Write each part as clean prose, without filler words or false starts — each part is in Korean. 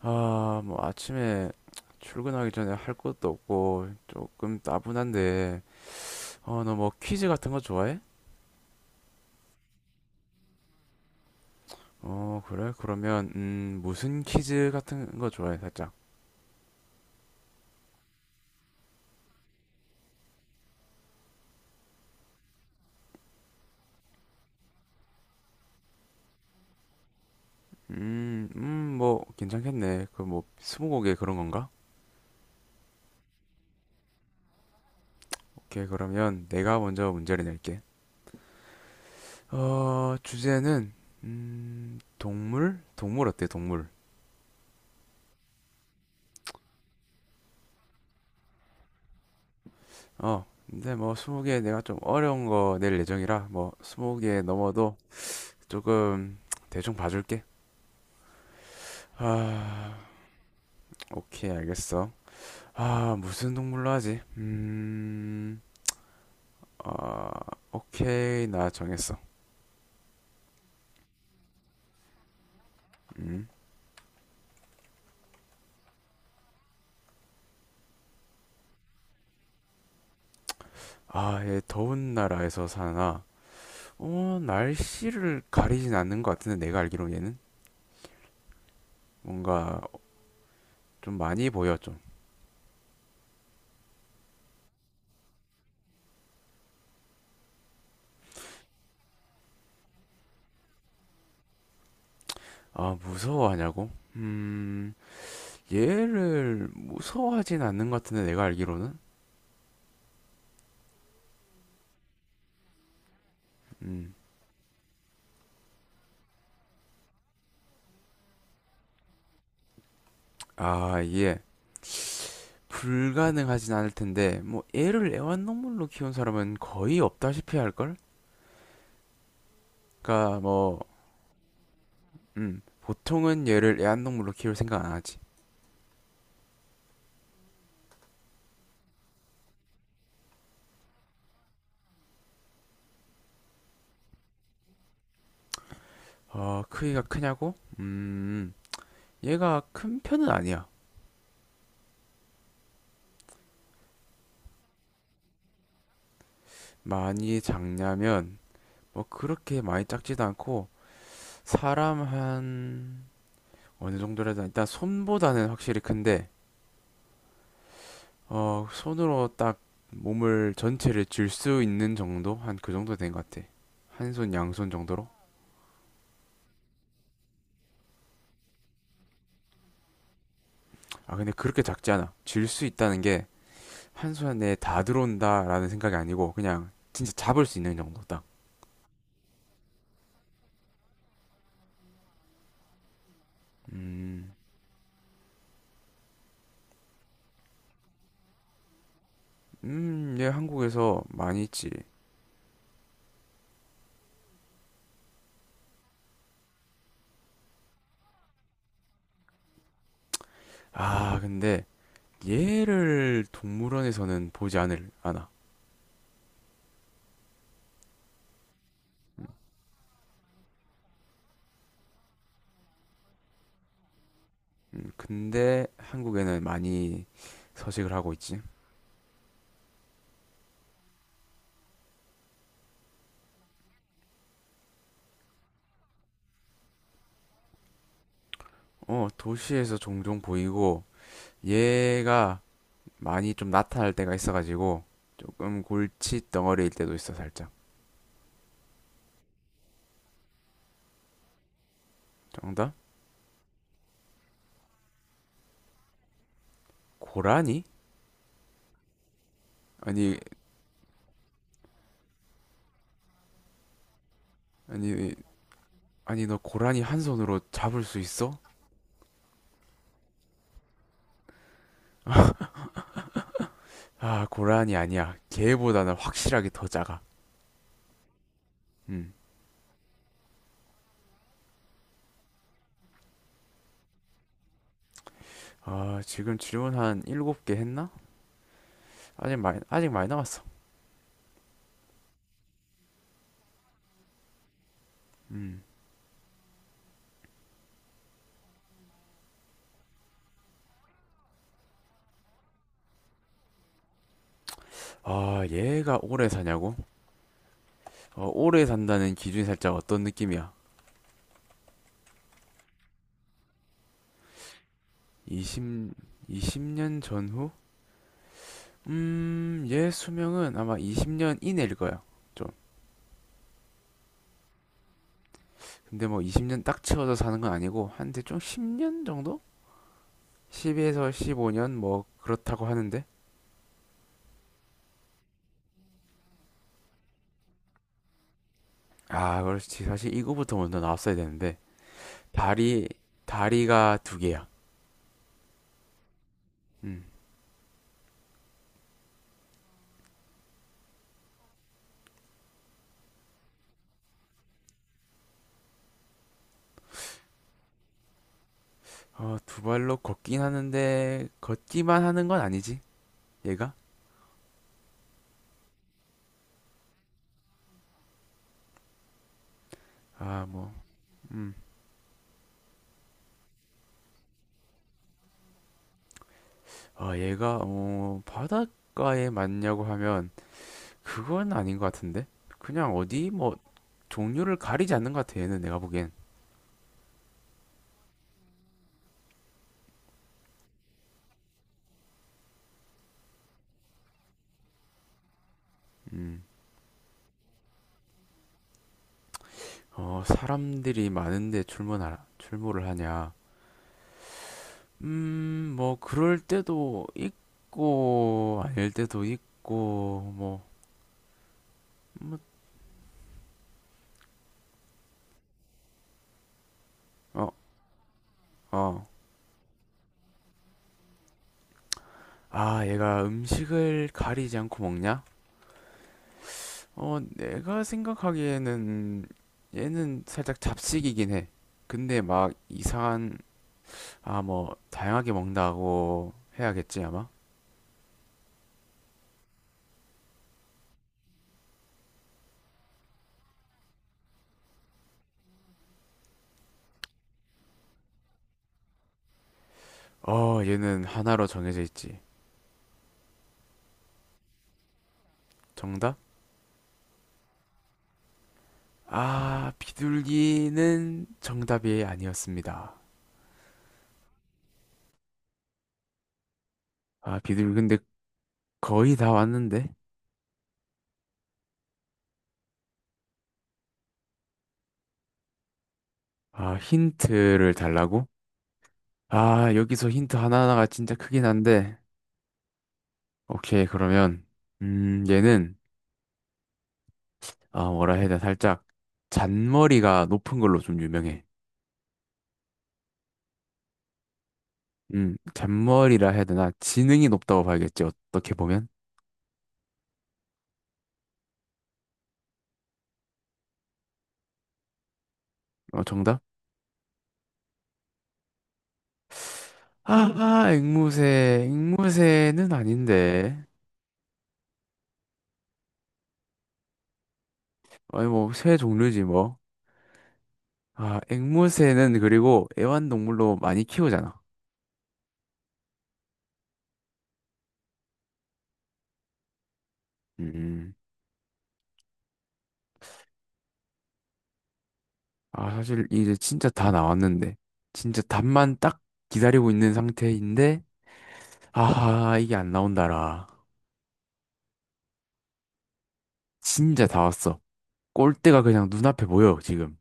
아, 뭐 아침에 출근하기 전에 할 것도 없고 조금 따분한데, 어, 너 뭐 퀴즈 같은 거 좋아해? 어, 그래? 그러면 무슨 퀴즈 같은 거 좋아해, 살짝? 뭐 괜찮겠네. 그 뭐 스무고개 그런 건가? 오케이, 그러면 내가 먼저 문제를 낼게. 어, 주제는 동물? 동물 어때, 동물? 어, 근데 뭐 스무 개 내가 좀 어려운 거 낼 예정이라 뭐 스무 개 넘어도 조금 대충 봐줄게. 아, 오케이, 알겠어. 아, 무슨 동물로 하지? 아, 오케이, 나 정했어. 음, 아, 얘 더운 나라에서 사나? 어, 날씨를 가리진 않는 것 같은데, 내가 알기로 얘는? 뭔가 좀 많이 보여, 좀. 아, 무서워하냐고? 얘를 무서워하진 않는 것 같은데, 내가 알기로는? 음, 아, 얘. 불가능하진 않을 텐데, 뭐, 애를 애완동물로 키운 사람은 거의 없다시피 할걸? 그러니까 뭐 보통은 얘를 애완동물로 키울 생각 안 하지. 어, 크기가 크냐고? 얘가 큰 편은 아니야. 많이 작냐면 뭐 그렇게 많이 작지도 않고 사람 한 어느 정도라 든 일단 손보다는 확실히 큰데 어, 손으로 딱 몸을 전체를 쥘 수 있는 정도? 한 그 정도 된 것 같아. 한 손, 양손 정도로? 아, 근데 그렇게 작지 않아. 쥘 수 있다는 게 한손에다 들어온다라는 생각이 아니고 그냥 진짜 잡을 수 있는 정도 딱. 음, 얘 한국에서 많이 있지. 아, 근데 얘를 동물원에서는 보지 않을 않아. 근데 한국에는 많이 서식을 하고 있지. 어, 도시에서 종종 보이고 얘가 많이 좀 나타날 때가 있어가지고 조금 골치 덩어리일 때도 있어 살짝. 정답? 고라니? 아니, 아니, 아니 너 고라니 한 손으로 잡을 수 있어? 아, 고라니 아니야. 걔보다는 확실하게 더 작아. 음. 아, 지금 질문 한 일곱 개 했나? 아직 많이 남았어. 음. 아, 얘가 오래 사냐고? 어, 오래 산다는 기준이 살짝 어떤 느낌이야? 20, 20년 전후? 얘 수명은 아마 20년 이내일 거야. 좀. 근데 뭐 20년 딱 채워서 사는 건 아니고, 한데 좀 10년 정도? 10에서 15년? 뭐, 그렇다고 하는데? 아, 그렇지. 사실 이거부터 먼저 나왔어야 되는데. 다리, 다리가 두 개야. 음. 어, 두 발로 걷긴 하는데, 걷기만 하는 건 아니지, 얘가? 아, 뭐. 아, 얘가, 어, 바닷가에 맞냐고 하면, 그건 아닌 것 같은데? 그냥 어디, 뭐, 종류를 가리지 않는 것 같아, 얘는 내가 보기엔. 음. 어, 사람들이 많은데 출몰하라, 출몰을 하냐. 뭐, 그럴 때도 있고, 아닐 때도 있고, 뭐, 뭐, 어, 어. 아, 얘가 음식을 가리지 않고 먹냐? 어, 내가 생각하기에는 얘는 살짝 잡식이긴 해. 근데 막 이상한, 아, 뭐, 다양하게 먹는다고 해야겠지, 아마? 어, 얘는 하나로 정해져 있지. 정답? 아, 비둘기는 정답이 아니었습니다. 아, 비둘기 근데 거의 다 왔는데? 아, 힌트를 달라고? 아, 여기서 힌트 하나하나가 진짜 크긴 한데. 오케이, 그러면, 얘는 아, 뭐라 해야 되나, 살짝 잔머리가 높은 걸로 좀 유명해. 잔머리라 해야 되나, 지능이 높다고 봐야겠지, 어떻게 보면. 어, 정답? 아, 앵무새는 아닌데. 아니, 뭐, 새 종류지, 뭐. 아, 앵무새는 그리고 애완동물로 많이 키우잖아. 음, 아, 사실 이제 진짜 다 나왔는데. 진짜 답만 딱 기다리고 있는 상태인데, 아하, 이게 안 나온다라. 진짜 다 왔어. 꼴대가 그냥 눈앞에 보여, 지금.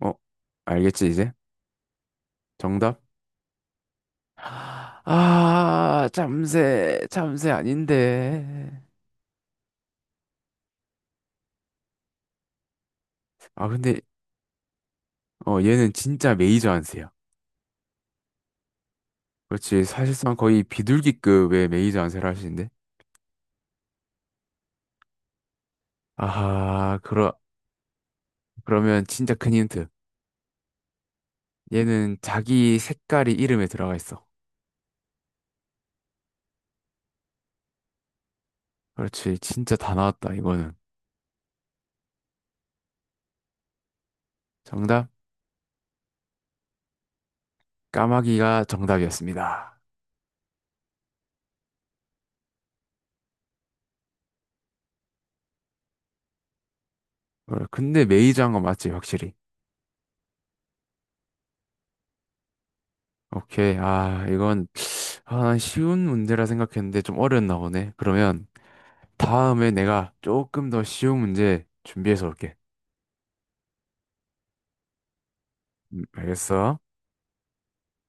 어, 알겠지, 이제? 정답? 아, 잠새 아닌데. 아, 근데, 어, 얘는 진짜 메이저 안세야. 그렇지, 사실상 거의 비둘기급의 메이저 안세를 하시는데. 아하, 그러, 그러면 진짜 큰 힌트. 얘는 자기 색깔이 이름에 들어가 있어. 그렇지, 진짜 다 나왔다, 이거는. 정답? 까마귀가 정답이었습니다. 어, 근데 메이저 한거 맞지, 확실히. 오케이, 아, 이건 아, 난 쉬운 문제라 생각했는데 좀 어려웠나 보네. 그러면 다음에 내가 조금 더 쉬운 문제 준비해서 올게. 알겠어?